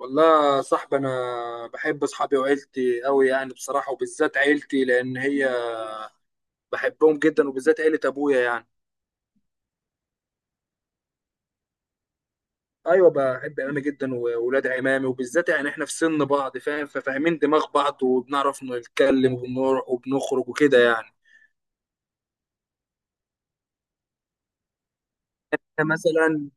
والله يا صاحبي انا بحب اصحابي وعيلتي قوي بصراحه، وبالذات عيلتي لان هي بحبهم جدا، وبالذات عيله ابويا ايوه بحب عمامي جدا واولاد عمامي، وبالذات احنا في سن بعض فاهم، ففاهمين دماغ بعض وبنعرف نتكلم وبنروح وبنخرج وكده يعني. احنا مثلا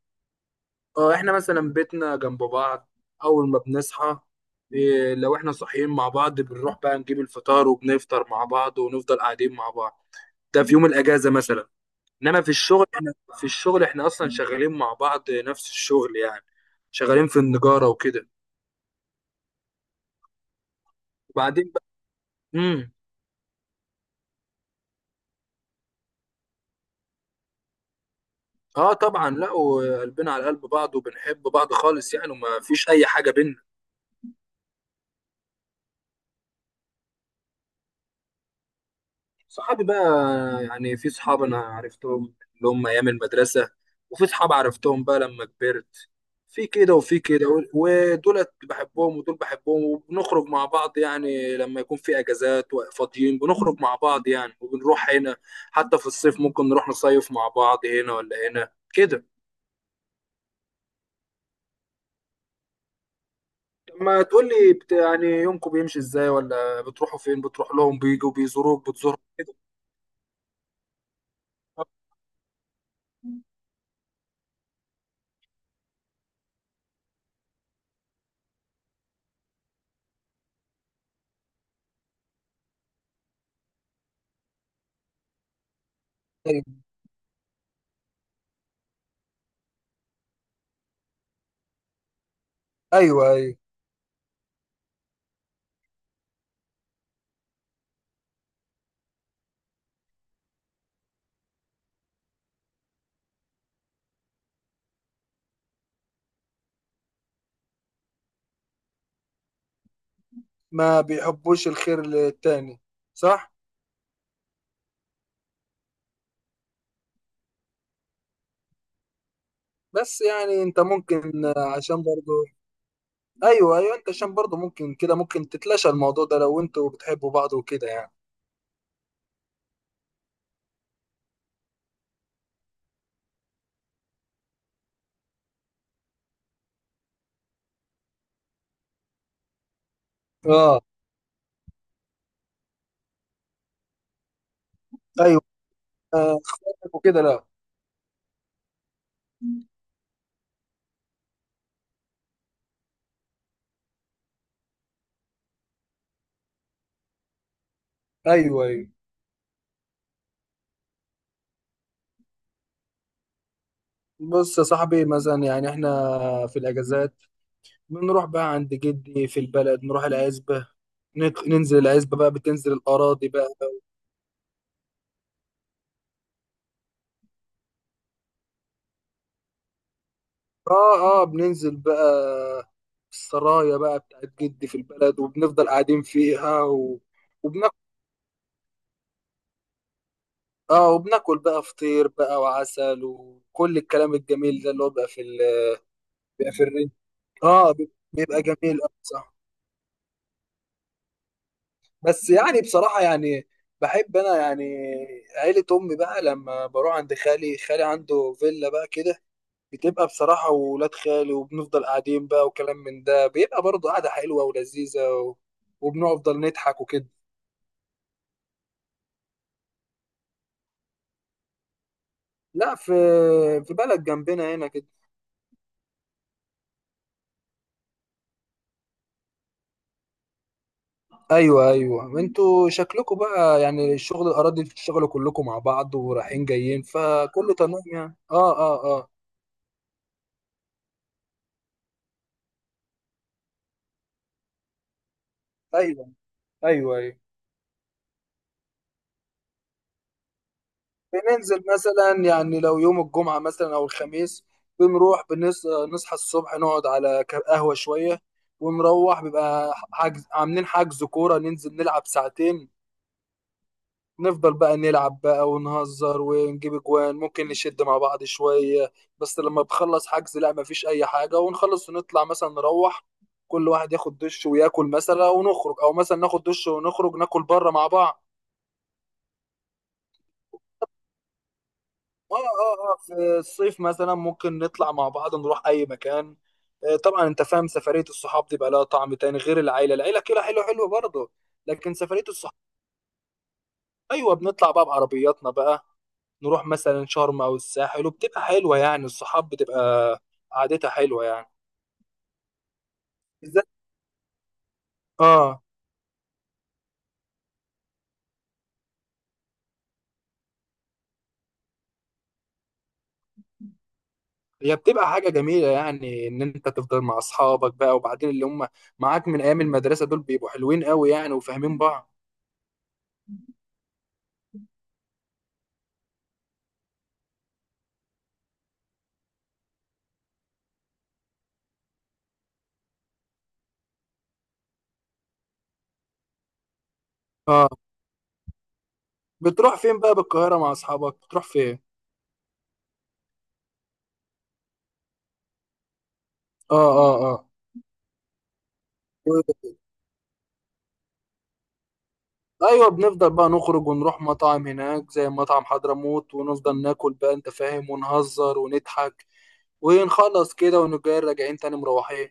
اه احنا مثلا بيتنا جنب بعض. اول ما بنصحى، إيه، لو احنا صاحيين مع بعض بنروح بقى نجيب الفطار وبنفطر مع بعض، ونفضل قاعدين مع بعض. ده في يوم الاجازه مثلا. انما في الشغل احنا، في الشغل احنا اصلا شغالين مع بعض نفس الشغل يعني، شغالين في النجارة وكده. وبعدين بقى امم اه طبعا، لا وقلبنا على قلب بعض وبنحب بعض خالص يعني، وما فيش اي حاجة بينا. صحابي بقى، يعني في صحاب انا عرفتهم اللي هم ايام المدرسه، وفي صحاب عرفتهم بقى لما كبرت. في كده وفي كده ودولت بحبهم ودول بحبهم، وبنخرج مع بعض يعني لما يكون في اجازات وفاضيين بنخرج مع بعض يعني، وبنروح هنا. حتى في الصيف ممكن نروح نصيف مع بعض هنا ولا هنا كده. طب ما تقول لي يعني يومكم بيمشي ازاي، ولا بتروحوا فين، بتروح لهم، بيجوا بيزوروك، بتزورهم كده؟ ايوه، ايوه، ما بيحبوش الخير للتاني. صح. بس يعني انت ممكن آه، عشان برضو، ايوه ايوه انت عشان برضو ممكن كده، ممكن تتلاشى الموضوع ده لو انتوا بتحبوا بعض وكده يعني. اه. ايوه. آه، اخواتك وكده لا. ايوه ايوه. بص يا صاحبي، مثلا يعني احنا في الاجازات بنروح بقى عند جدي في البلد، نروح العزبة، ننزل العزبة بقى، بتنزل الأراضي بقى. اه اه، بننزل بقى السرايا بقى بتاعت جدي في البلد، وبنفضل قاعدين فيها و... وبناكل، اه وبناكل بقى فطير بقى وعسل وكل الكلام الجميل ده، اللي هو بقى في ال... بيبقى في الرين. اه، بيبقى جميل أوي، صح. بس يعني بصراحة يعني، بحب انا يعني عيلة امي بقى، لما بروح عند خالي، خالي عنده فيلا بقى كده، بتبقى بصراحة، وولاد خالي وبنفضل قاعدين بقى وكلام من ده، بيبقى برضه قعدة حلوة ولذيذة و... وبنفضل نضحك وكده. لا، في، في بلد جنبنا هنا كده. ايوه ايوه، انتوا شكلكم بقى يعني الشغل الاراضي بتشتغلوا كلكم مع بعض، ورايحين جايين، فكله تمام يعني، اه اه اه. ايوه، ايوه ايوه بننزل مثلا، يعني لو يوم الجمعه مثلا او الخميس، بنروح نصحى الصبح، نقعد على قهوه شويه، ونروح بيبقى حجز، عاملين حجز كوره، ننزل نلعب ساعتين. نفضل بقى نلعب بقى ونهزر ونجيب اجوان، ممكن نشد مع بعض شوية. بس لما بخلص حجز، لا مفيش اي حاجة، ونخلص ونطلع مثلا نروح، كل واحد ياخد دش وياكل مثلا ونخرج، او مثلا ناخد دش ونخرج ناكل بره مع بعض. اه اه اه، في الصيف مثلا ممكن نطلع مع بعض نروح اي مكان. آه، طبعا انت فاهم، سفرية الصحاب دي بقى لها طعم تاني غير العيلة. العيلة كده حلوة حلوة برضه، لكن سفرية الصحاب. ايوه بنطلع بقى بعربياتنا بقى، نروح مثلا شرم او الساحل، وبتبقى حلوه يعني الصحاب، بتبقى قعدتها حلوه يعني. بالذات. اه، هي بتبقى حاجه جميله، يعني ان انت تفضل مع اصحابك بقى، وبعدين اللي هم معاك من ايام المدرسه دول بيبقوا حلوين قوي يعني، وفاهمين بعض. اه. بتروح فين بقى بالقاهره مع اصحابك، بتروح فين؟ اه اه اه. و- ايوه بنفضل بقى نخرج ونروح مطاعم هناك زي مطعم حضرموت، ونفضل ناكل بقى انت فاهم، ونهزر ونضحك ونخلص كده، ونجي راجعين تاني مروحين.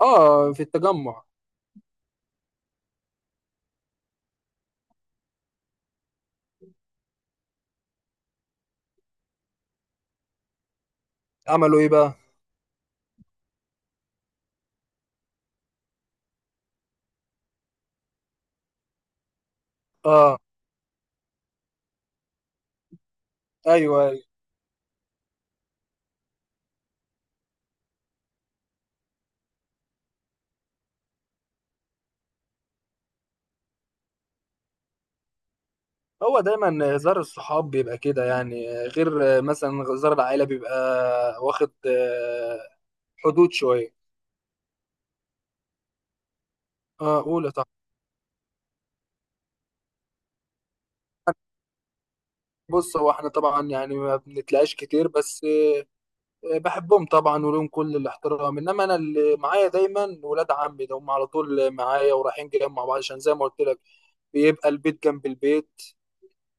اه في التجمع. عملوا ايه بقى؟ اه. ايوه ايوه، هو دايما هزار الصحاب بيبقى كده يعني، غير مثلا هزار العائله بيبقى واخد آه، حدود شويه. اه قول طبعا. بص، هو احنا طبعا يعني ما بنتلاقاش كتير، بس آه، بحبهم طبعا ولهم كل الاحترام، انما انا اللي معايا دايما ولاد عمي، ده هم على طول معايا ورايحين جايين مع بعض، عشان زي ما قلت لك بيبقى البيت جنب البيت.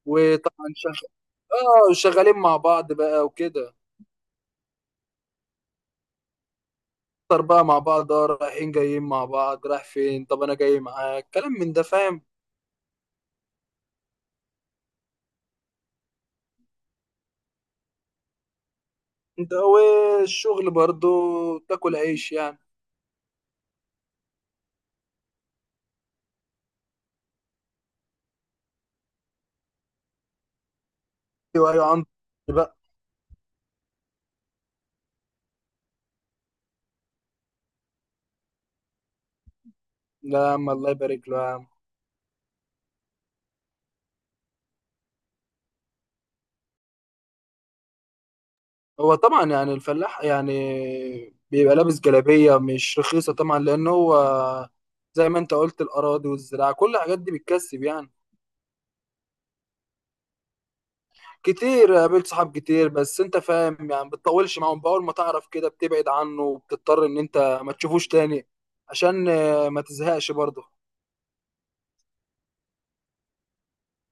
وطبعا اه شغالين مع بعض بقى وكده. نفطر بقى مع بعض اه، رايحين جايين مع بعض، رايح فين، طب انا جاي معاك، كلام من ده فاهم. انت والشغل برضو تاكل عيش يعني. ايوه ايوه، عنده بقى. لا يا عم الله يبارك له يا عم. هو طبعا يعني الفلاح يعني بيبقى لابس جلابية مش رخيصة طبعا، لأن هو زي ما انت قلت، الأراضي والزراعة كل الحاجات دي بتكسب يعني. كتير، قابلت صحاب كتير، بس انت فاهم يعني بتطولش معاهم، بأول ما تعرف كده بتبعد عنه وبتضطر ان انت ما تشوفوش تاني، عشان آه، ما تزهقش برضه.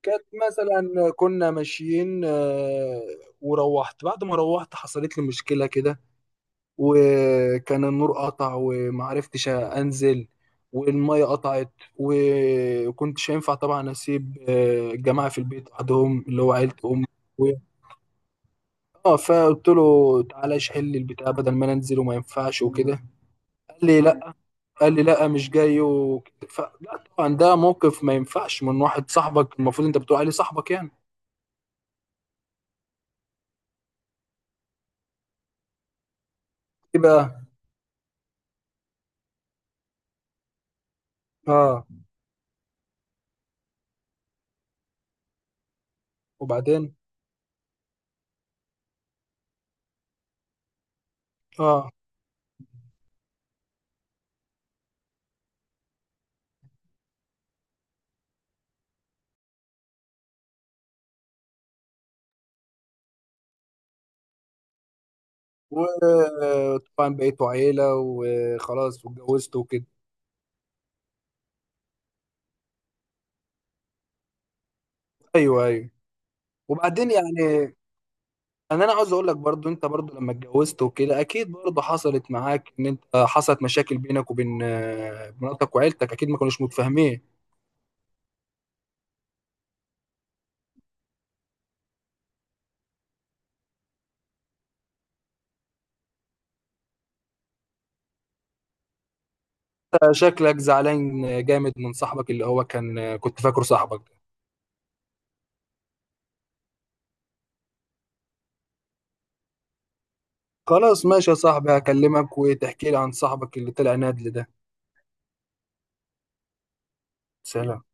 كانت مثلا كنا ماشيين آه، وروحت، بعد ما روحت حصلت لي مشكلة كده، وكان النور قطع ومعرفتش انزل، والمية قطعت، وكنتش هينفع طبعا اسيب آه، الجماعة في البيت وحدهم اللي هو عيلة امي. اه، فقلت له تعالى اشحن لي البتاع بدل ما انا انزل وما ينفعش وكده. قال لي لا. قال لي لا مش جاي وكده لا طبعا ده موقف ما ينفعش من واحد صاحبك، المفروض انت بتقول عليه صاحبك يعني. ايه بقى. اه. وبعدين. اه. وطبعا بقيتوا عيلة وخلاص واتجوزت وكده. ايوه ايوه. وبعدين يعني، انا عاوز اقول لك برضو، انت برضو لما اتجوزت وكده اكيد برضو حصلت معاك ان انت حصلت مشاكل بينك وبين آه، مراتك وعيلتك، اكيد ما كانوش متفاهمين. شكلك زعلان جامد من صاحبك اللي هو كان، كنت فاكره صاحبك. خلاص ماشي يا صاحبي، هكلمك وتحكي لي عن صاحبك اللي طلع نادل ده. سلام.